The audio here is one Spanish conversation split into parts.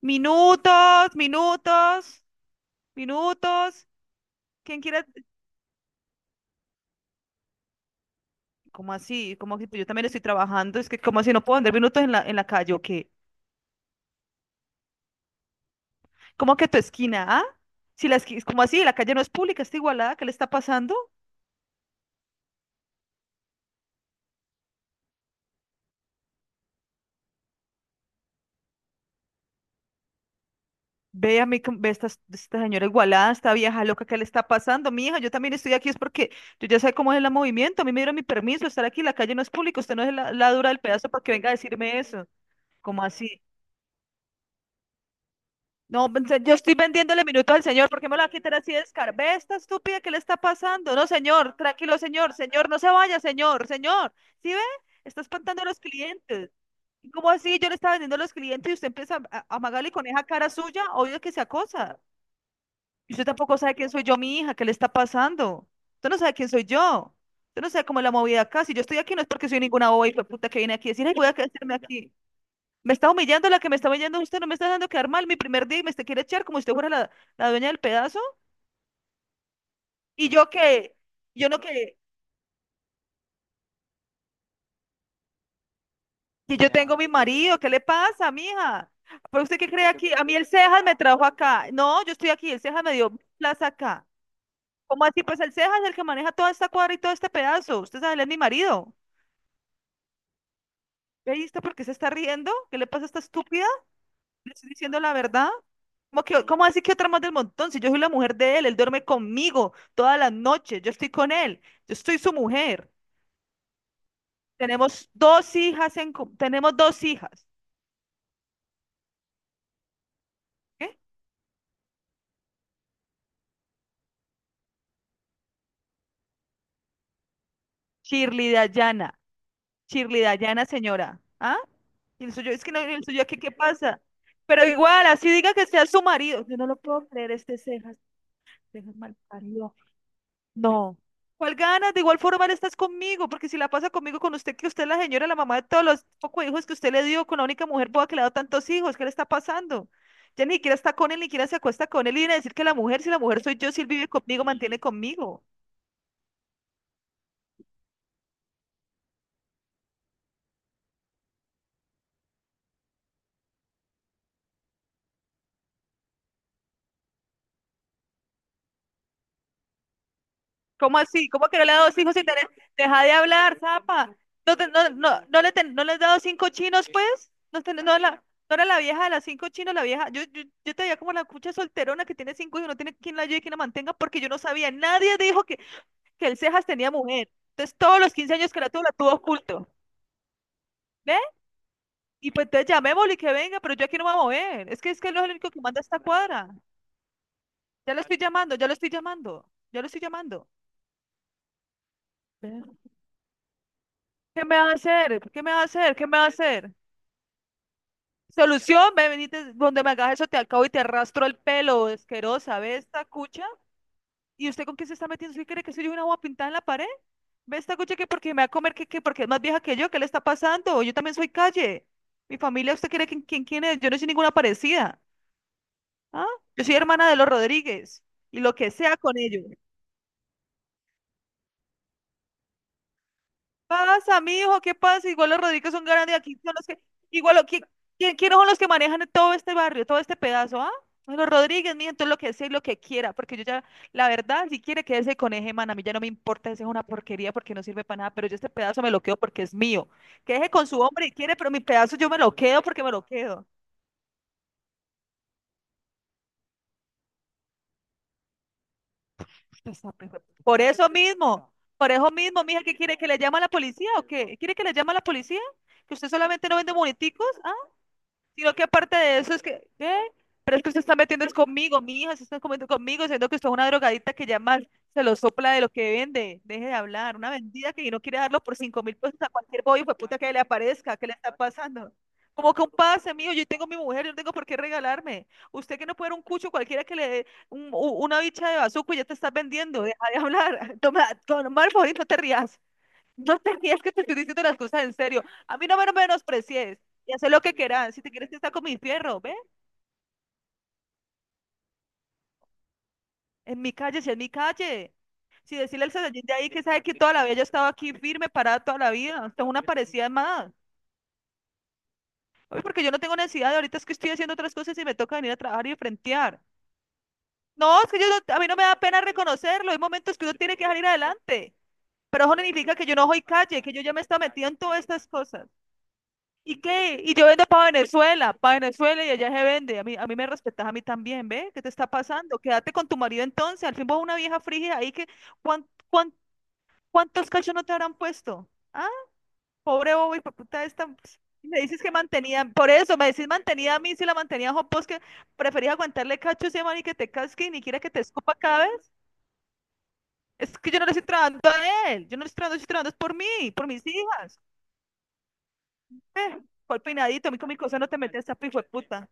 Minutos, minutos, minutos. ¿Quién quiere? ¿Cómo así? ¿Cómo que pues yo también estoy trabajando? Es que, ¿cómo así no puedo andar minutos en la calle o qué? ¿Cómo que tu esquina, ah? Si la esquina, ¿cómo así? La calle no es pública, está igualada, ¿qué le está pasando? Ve a mí, ve a esta señora igualada, esta vieja loca, ¿qué le está pasando? Mija, yo también estoy aquí, es porque yo ya sé cómo es el movimiento, a mí me dieron mi permiso de estar aquí, la calle no es pública, usted no es la dura del pedazo para que venga a decirme eso. ¿Cómo así? No, pues, yo estoy vendiéndole minutos al señor, ¿por qué me lo va a quitar así de escar? Ve esta estúpida, ¿qué le está pasando? No, señor, tranquilo, señor, señor, no se vaya, señor, señor. ¿Sí ve? Está espantando a los clientes. ¿Y cómo así? Yo le estaba vendiendo a los clientes y usted empieza a amagarle con esa cara suya, obvio que se acosa. Y usted tampoco sabe quién soy yo, mi hija, ¿qué le está pasando? Usted no sabe quién soy yo. Usted no sabe cómo es la movida acá. Si yo estoy aquí no es porque soy ninguna boba y puta que viene aquí a decir, ay, voy a quedarme aquí. Me está humillando, la que me está humillando usted, no me está dejando quedar mal mi primer día y me te quiere echar como si usted fuera la dueña del pedazo. Y yo que, yo no que, que yo tengo mi marido, ¿qué le pasa, mija? ¿Pero usted qué cree aquí? A mí el Cejas me trajo acá. No, yo estoy aquí, el Cejas me dio plaza acá. ¿Cómo así? Pues el Cejas es el que maneja toda esta cuadra y todo este pedazo. Usted sabe, él es mi marido. ¿Ve? Ahí está por qué se está riendo. ¿Qué le pasa a esta estúpida? ¿Le estoy diciendo la verdad? ¿Cómo que, cómo decir que otra más del montón? Si yo soy la mujer de él, él duerme conmigo todas las noches, yo estoy con él, yo estoy su mujer. Tenemos dos hijas. ¿Qué? Shirley Dayana, Shirley Dayana, señora. ¿Ah? Y el suyo, es que no, el suyo aquí, ¿qué pasa? Pero igual, así diga que sea su marido. Yo no lo puedo creer, este cejas, cejas mal. No. ¿Cuál ganas? De igual forma, él estás conmigo, porque si la pasa conmigo, con usted, que usted es la señora, la mamá de todos los pocos hijos que usted le dio, con la única mujer boba que le ha dado tantos hijos, ¿qué le está pasando? Ya ni siquiera está con él, ni siquiera se acuesta con él, y viene a decir que la mujer, si la mujer soy yo, si él vive conmigo, mantiene conmigo. ¿Cómo así? ¿Cómo que no le ha dado cinco sin tener? Deja de hablar, zapa. No le has dado cinco chinos, pues. No era la vieja de las cinco chinos, la vieja. Yo te veía como la cucha solterona que tiene cinco hijos, no tiene quien la ayude y quien la mantenga, porque yo no sabía. Nadie dijo que el Cejas tenía mujer. Entonces, todos los 15 años que la tuvo oculto. ¿Ve? Y pues entonces llamémosle y que venga, pero yo aquí no me voy a mover. Es que él no es el único que manda esta cuadra. Ya lo estoy llamando, ya lo estoy llamando, ya lo estoy llamando. Ve. ¿Qué me va a hacer? ¿Qué me va a hacer? ¿Qué me va a hacer? Solución, me venite donde me hagas eso, te acabo y te arrastro el pelo, asquerosa, ve esta cucha. ¿Y usted con qué se está metiendo? ¿Usted cree que soy yo una agua pintada en la pared? Ve esta cucha que porque me va a comer, que porque es más vieja que yo, ¿qué le está pasando? Yo también soy calle. Mi familia, ¿usted cree que quién es? Yo no soy ninguna parecida. ¿Ah? Yo soy hermana de los Rodríguez. Y lo que sea con ellos. ¿Pasa, mijo? ¿Qué pasa? Igual los Rodríguez son grandes aquí, son los que, igual, ¿quiénes son los que manejan todo este barrio, todo este pedazo, ah? Son los Rodríguez, mijo, entonces lo que sea y lo que quiera, porque yo ya, la verdad, si quiere quédese con ese man, a mí ya no me importa, ese es una porquería porque no sirve para nada, pero yo este pedazo me lo quedo porque es mío. Quédese con su hombre y quiere, pero mi pedazo yo me lo quedo porque me lo quedo. Usted está pendejo. Por eso mismo, mija, ¿qué quiere? ¿Que le llame a la policía o qué? ¿Quiere que le llame a la policía? ¿Que usted solamente no vende moneticos? Sino que aparte de eso es que, ¿qué? Pero es que usted está metiendo es conmigo, mi hija, se está comiendo conmigo, siendo que usted es una drogadita que ya más se lo sopla de lo que vende. Deje de hablar, una vendida que no quiere darlo por 5.000 pesos a cualquier boy, fue puta que le aparezca, ¿qué le está pasando? Como que un pase, mío, yo tengo mi mujer, yo no tengo por qué regalarme. Usted que no puede dar un cucho cualquiera que le dé una bicha de bazuco y ya te estás vendiendo, deja de hablar. Toma, toma el favor y no te rías. No tenías que te estoy diciendo las cosas en serio. A mí no me menosprecies. Y haz lo que quieras. Si te quieres que está con mi fierro, ve. En mi calle, si es mi calle. Si decirle al Medellín de ahí que sabe que toda la vida yo he estado aquí firme, parada toda la vida. Tengo una parecida más. Oye, porque yo no tengo necesidad de ahorita es que estoy haciendo otras cosas y me toca venir a trabajar y frentear. No, es que yo no- a mí no me da pena reconocerlo. Hay momentos que uno tiene que salir adelante. Pero eso no significa que yo no soy calle, que yo ya me he estado metiendo en todas estas cosas. ¿Y qué? Y yo vendo para Venezuela y allá se vende. A mí me respetas a mí también, ¿ve? ¿Qué te está pasando? Quédate con tu marido entonces. Al fin vos una vieja frígida ahí que ¿cuán, cuán- cuántos cachos no te habrán puesto? Ah, pobre bobo y puta esta. Ps, me dices que mantenía, por eso me decís mantenida a mí si la mantenía a Juan Pos, que preferís aguantarle cachos ese man y que te casque y ni quiera que te escupa cada vez. Es que yo no le estoy trabajando a él, yo no le estoy trabajando, yo estoy trabajando es por mí, por mis hijas. Eh, cuál peinadito, a mí con mi cosa no te metes, esa pijo de puta.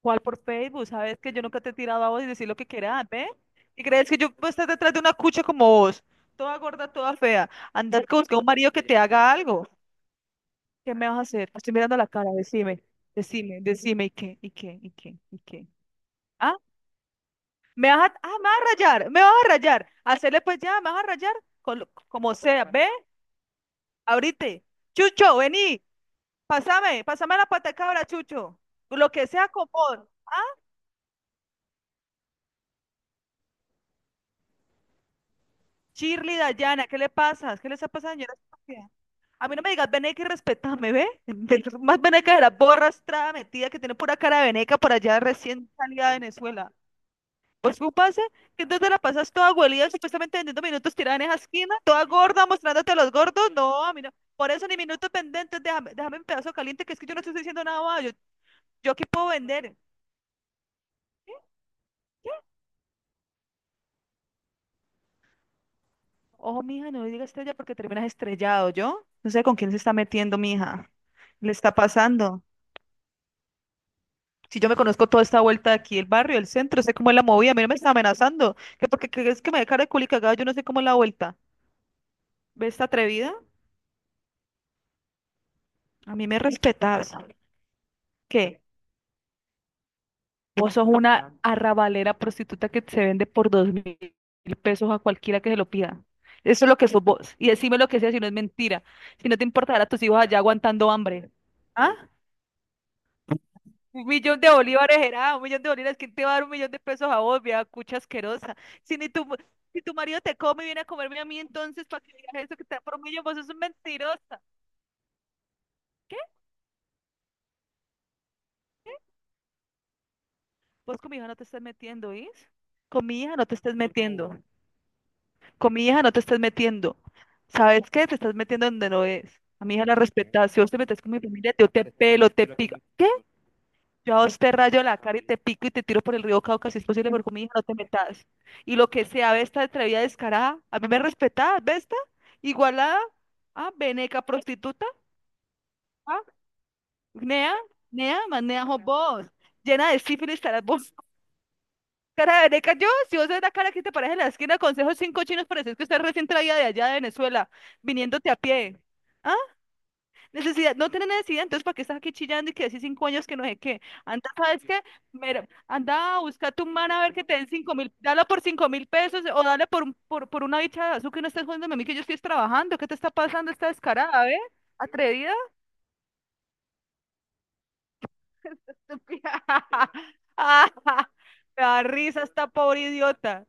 ¿Cuál por Facebook? Sabes que yo nunca te he tirado a vos y decir lo que quieras, ¿ve? ¿Y crees que yo puedo estar detrás de una cucha como vos? Toda gorda, toda fea. Andar con buscar un marido que te haga algo. ¿Qué me vas a hacer? Te estoy mirando la cara, decime, decime, decime, ¿y qué? ¿Y qué? ¿Y qué? ¿Y qué? ¿Ah? ¿Me vas a rayar? ¿Me vas a rayar? Hacerle pues ya, ¿me vas a rayar? Como sea, ¿ve? Ahorita, Chucho, vení. Pásame, pásame la pata de cabra, Chucho. Lo que sea, con vos. Ah, Shirley, Dayana, ¿qué le pasa? ¿Qué le está pasando, señora? ¿Sofía? A mí no me digas veneca y respetame, ¿ve? Más veneca de la borra estrada metida que tiene pura cara de veneca por allá recién salida de Venezuela. Pues tú pasa que entonces la pasas toda abuelita, supuestamente vendiendo minutos tirada en esa esquina, toda gorda, mostrándote a los gordos. No, a mí no. Por eso ni minutos pendientes, déjame, déjame un pedazo caliente, que es que yo no te estoy diciendo nada, más, yo aquí puedo vender. ¿Qué? ¿Qué? Ojo, mija, no digas estrella porque terminas estrellado, ¿yo? No sé con quién se está metiendo, mija. Le está pasando. Si yo me conozco toda esta vuelta de aquí, el barrio, el centro, sé cómo es la movida, a mí no me está amenazando. Que porque que es que me dé cara de culicagada, yo no sé cómo es la vuelta. ¿Ves esta atrevida? A mí me respetas. ¿Qué? Vos sos una arrabalera prostituta que se vende por 2.000 pesos a cualquiera que se lo pida. Eso es lo que sos vos. Y decime lo que sea si no es mentira. Si no te importará a tus hijos allá aguantando hambre. ¿Ah? Un millón de bolívares era, un millón de bolívares, ¿quién te va a dar un millón de pesos a vos, vieja cucha asquerosa? Si ni tu, si tu marido te come y viene a comerme a mí, entonces, ¿para que digas eso que te da por un millón? Vos sos un mentirosa. ¿Qué? Vos con mi hija no te estás metiendo, ¿oís? Con mi hija no te estás metiendo. Con mi hija no te estás metiendo. ¿Sabes qué? Te estás metiendo donde no es. A mi hija la respetas. Si vos te metes con mi familia, yo te pelo, te pico. ¿Qué? Yo a vos te rayo la cara y te pico y te tiro por el río Cauca si es posible, porque mi hija no te metas. Y lo que sea, esta atrevida descarada, a mí me respetás, esta igualada, veneca prostituta, ah, nea, nea, más nea sos vos, llena de sífilis estarás vos. Cara de veneca yo, si vos ves la cara que te parece en la esquina, consejo cinco chinos, pareces que usted recién traía de allá de Venezuela, viniéndote a pie. ah, Necesidad, no tiene necesidad, entonces ¿para qué estás aquí chillando y que decís 5 años que no sé qué? Anda, ¿sabes qué? Mira, anda a buscar tu man a ver que te den 5.000, dale por cinco mil pesos o dale por una bicha de azúcar que no estés jodiéndome a mí que yo estoy trabajando, ¿qué te está pasando? Esta descarada, ¿ve? ¿Atrevida? Me da risa esta pobre idiota.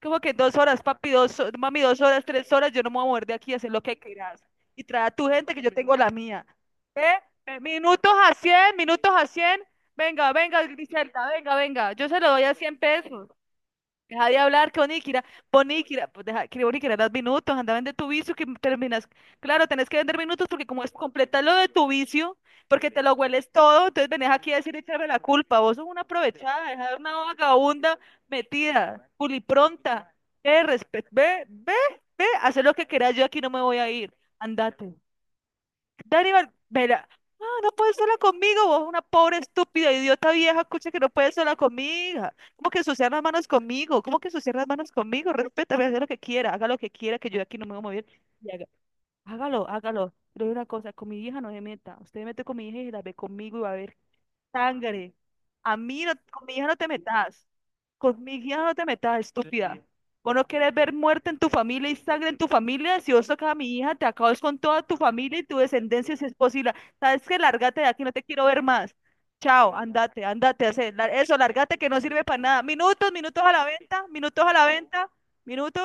Como que 2 horas, papi, mami, 2 horas, 3 horas, yo no me voy a mover de aquí, hacer lo que quieras. Y trae a tu gente que yo tengo la mía. ¿Eh? Minutos a 100, minutos a cien. Venga, venga, Griselda, venga, venga. Yo se lo doy a 100 pesos. Deja de hablar, que Boníquira, Boníquira, pues deja que Boníquira, das minutos, anda, vende tu vicio, que terminas. Claro, tenés que vender minutos porque como es completar lo de tu vicio, porque te lo hueles todo, entonces venés aquí a decir echarme la culpa. Vos sos una aprovechada, deja de ser una vagabunda metida, culipronta. Ve, respet, ve, ve, ve, haz lo que quieras, yo aquí no me voy a ir. Andate. Daniel, mira, no puedes sola conmigo, vos, una pobre, estúpida, idiota vieja, escucha que no puedes sola conmigo. ¿Cómo que ensuciar las manos conmigo? ¿Cómo que ensuciar las manos conmigo? Respétame, haz lo que quiera, haga lo que quiera, que yo de aquí no me voy a mover. Y haga- Hágalo, hágalo. Pero hay una cosa, con mi hija no se meta. Usted se mete con mi hija y se la ve conmigo y va a ver sangre. A mí, no, con mi hija no te metas. Con mi hija no te metas, estúpida. Vos no querés ver muerte en tu familia y sangre en tu familia. Si vos tocas a mi hija, te acabas con toda tu familia y tu descendencia si es posible. ¿Sabes qué? Lárgate de aquí, no te quiero ver más. Chao, andate, andate, hace la- eso, lárgate que no sirve para nada. Minutos, minutos a la venta, minutos a la venta, minutos.